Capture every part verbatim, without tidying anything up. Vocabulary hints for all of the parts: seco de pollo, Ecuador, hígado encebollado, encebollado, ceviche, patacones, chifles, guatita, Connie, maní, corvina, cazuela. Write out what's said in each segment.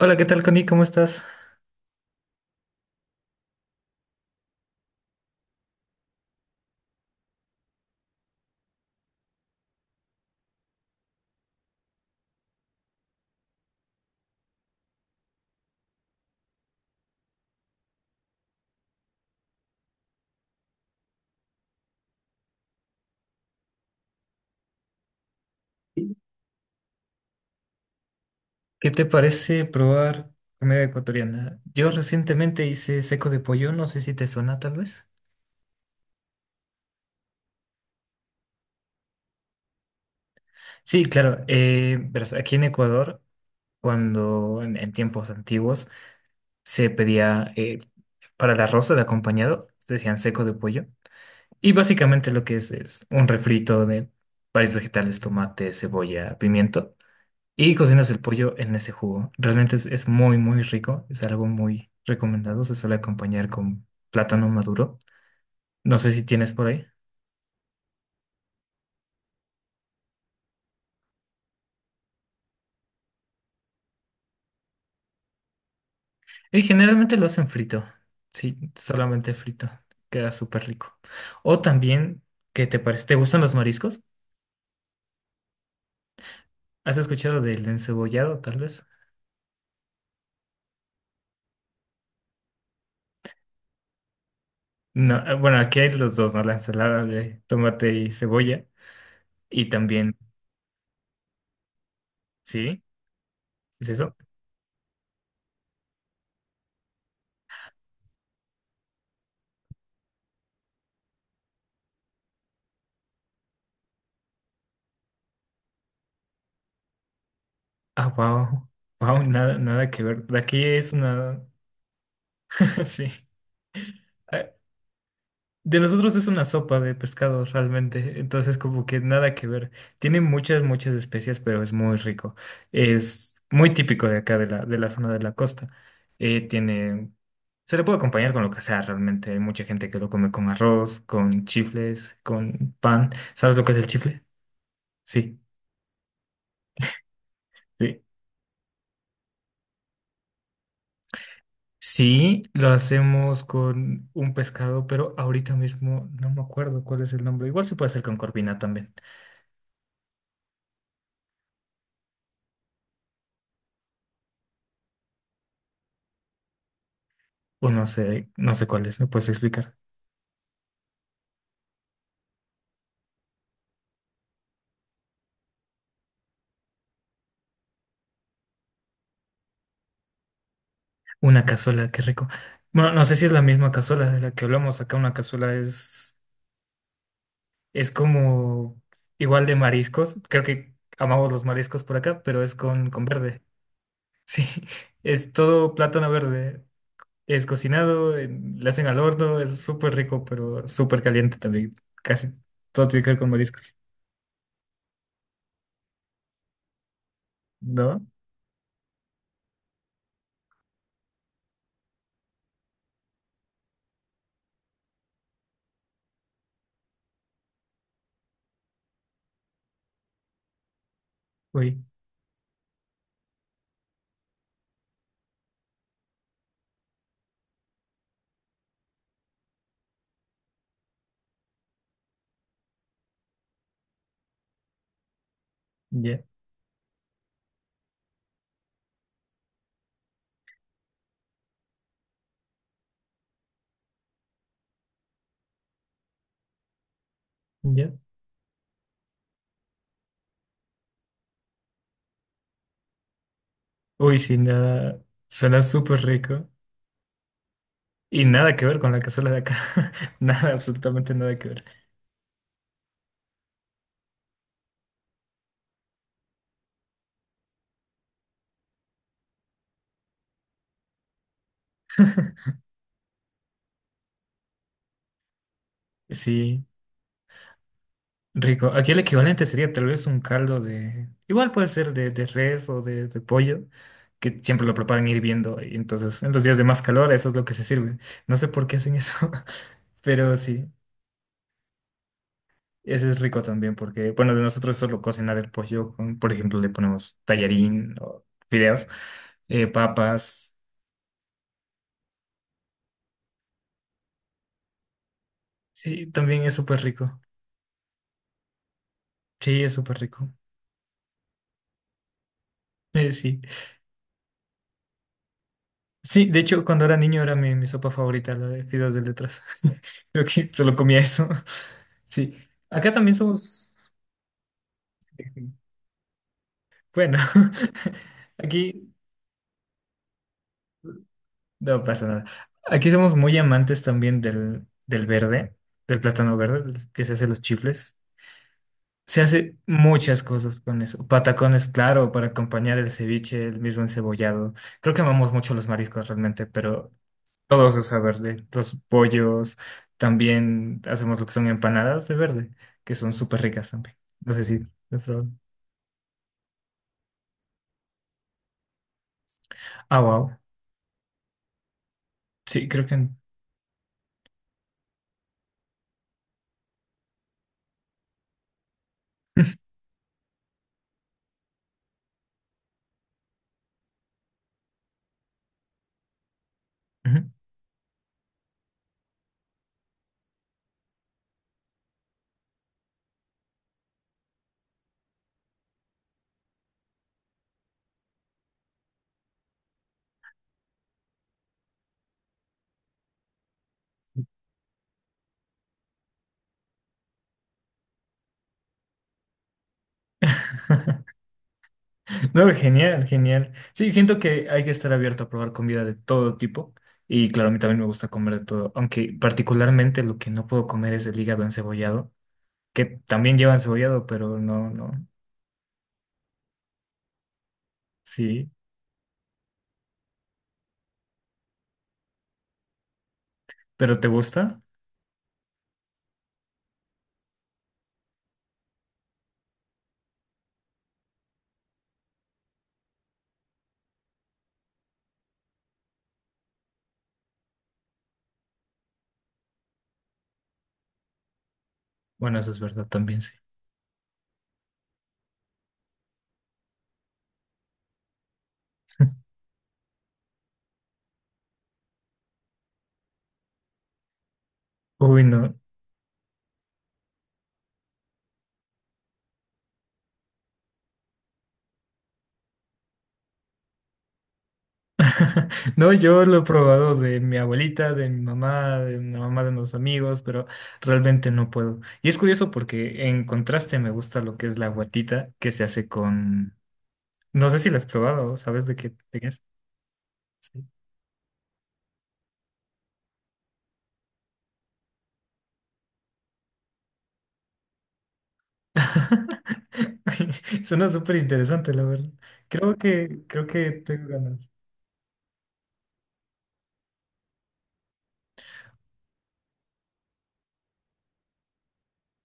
Hola, ¿qué tal, Connie? ¿Cómo estás? ¿Qué te parece probar comida ecuatoriana? Yo recientemente hice seco de pollo, no sé si te suena tal vez. Sí, claro, eh, verás, aquí en Ecuador, cuando en, en tiempos antiguos se pedía eh, para el arroz, de acompañado, decían seco de pollo, y básicamente lo que es es un refrito de varios vegetales, tomate, cebolla, pimiento. Y cocinas el pollo en ese jugo. Realmente es, es muy, muy rico. Es algo muy recomendado. Se suele acompañar con plátano maduro. No sé si tienes por ahí. Y generalmente lo hacen frito. Sí, solamente frito. Queda súper rico. O también, ¿qué te parece? ¿Te gustan los mariscos? ¿Has escuchado del encebollado, tal vez? No, eh, bueno, aquí hay los dos, ¿no? La ensalada de tomate y cebolla. Y también, ¿sí? ¿Es eso? Ah, wow. Wow, nada, nada que ver. De aquí es una. Sí. Eh, De nosotros es una sopa de pescado realmente, entonces como que nada que ver. Tiene muchas, muchas especias, pero es muy rico. Es muy típico de acá, de la, de la zona de la costa. Eh, tiene, se le puede acompañar con lo que sea realmente. Hay mucha gente que lo come con arroz, con chifles, con pan. ¿Sabes lo que es el chifle? Sí, sí. Sí, lo hacemos con un pescado, pero ahorita mismo no me acuerdo cuál es el nombre. Igual se puede hacer con corvina también. O no sé, no sé cuál es, ¿me puedes explicar? Una cazuela, qué rico. Bueno, no sé si es la misma cazuela de la que hablamos acá. Una cazuela es, es como igual de mariscos. Creo que amamos los mariscos por acá, pero es con, con verde. Sí, es todo plátano verde. Es cocinado, en- le hacen al horno, es súper rico, pero súper caliente también. Casi todo tiene que ver con mariscos. ¿No? Uy, ya, ya. Uy, sin nada. Suena súper rico. Y nada que ver con la cazuela de acá. Nada, absolutamente nada que ver. Sí, rico. Aquí el equivalente sería tal vez un caldo de... Igual puede ser de, de res o de, de pollo, que siempre lo preparan hirviendo. Y entonces en los días de más calor eso es lo que se sirve. No sé por qué hacen eso, pero sí, ese es rico también porque, bueno, de nosotros solo cocinar el pollo. Con- por ejemplo, le ponemos tallarín o fideos, eh, papas. Sí, también es súper rico. Sí, es súper rico. Eh, sí. Sí, de hecho, cuando era niño era mi, mi sopa favorita, la de fideos de letras. Creo que solo comía eso. Sí, acá también somos... Bueno, aquí no pasa nada. Aquí somos muy amantes también del, del verde, del plátano verde, del que se hace los chifles. Se hace muchas cosas con eso. Patacones, claro, para acompañar el ceviche, el mismo encebollado. Creo que amamos mucho los mariscos realmente, pero todo se usa verde. Los pollos, también hacemos lo que son empanadas de verde, que son súper ricas también. No sé si las probado. Ah, wow. Sí, creo que... en- Ujú. No, genial, genial. Sí, siento que hay que estar abierto a probar comida de todo tipo. Y claro, a mí también me gusta comer de todo. Aunque particularmente lo que no puedo comer es el hígado encebollado, que también lleva encebollado, pero no, no. Sí. ¿Pero te gusta? Bueno, eso es verdad también, sí. Uy, no. No, yo lo he probado de mi abuelita, de mi mamá, de la mamá de unos amigos, pero realmente no puedo. Y es curioso porque en contraste me gusta lo que es la guatita que se hace con... No sé si la has probado, ¿sabes de qué, de qué es? Sí. Suena súper interesante, la verdad. Creo que, creo que tengo ganas.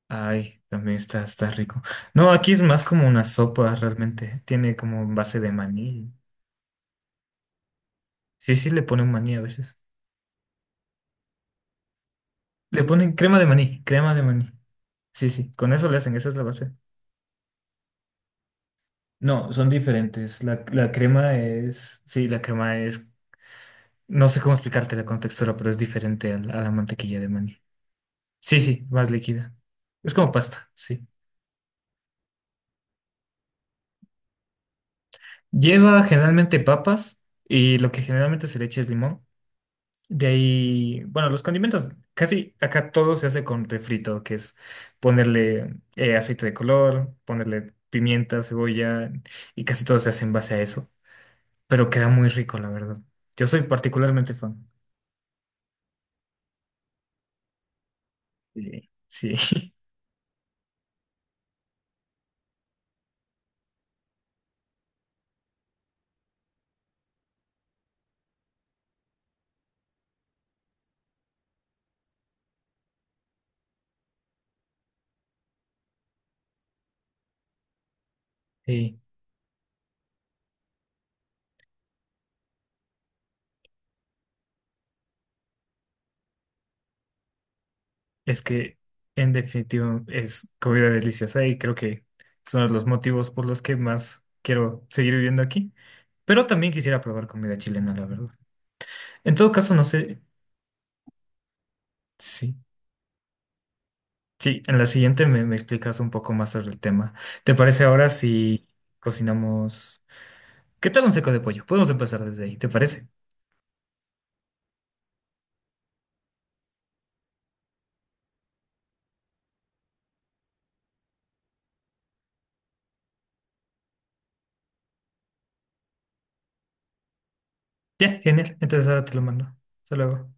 Ay, también está, está rico. No, aquí es más como una sopa realmente. Tiene como base de maní. Sí, sí, le ponen maní a veces. Le ponen crema de maní, crema de maní. Sí, sí, con eso le hacen, esa es la base. No, son diferentes. La, la crema es, sí, la crema es, no sé cómo explicarte la contextura, pero es diferente a la, a la mantequilla de maní. Sí, sí, más líquida. Es como pasta, sí. Lleva generalmente papas y lo que generalmente se le echa es limón. De ahí, bueno, los condimentos, casi acá todo se hace con refrito, que es ponerle eh, aceite de color, ponerle pimienta, cebolla, y casi todo se hace en base a eso. Pero queda muy rico, la verdad. Yo soy particularmente fan. Sí, sí, sí. Es que en definitivo es comida deliciosa y creo que son los motivos por los que más quiero seguir viviendo aquí. Pero también quisiera probar comida chilena, la verdad. En todo caso, no sé. Sí. Sí, en la siguiente me, me explicas un poco más sobre el tema. ¿Te parece ahora si cocinamos? ¿Qué tal un seco de pollo? Podemos empezar desde ahí, ¿te parece? Ya, genial. Entonces ahora te lo mando. Hasta luego.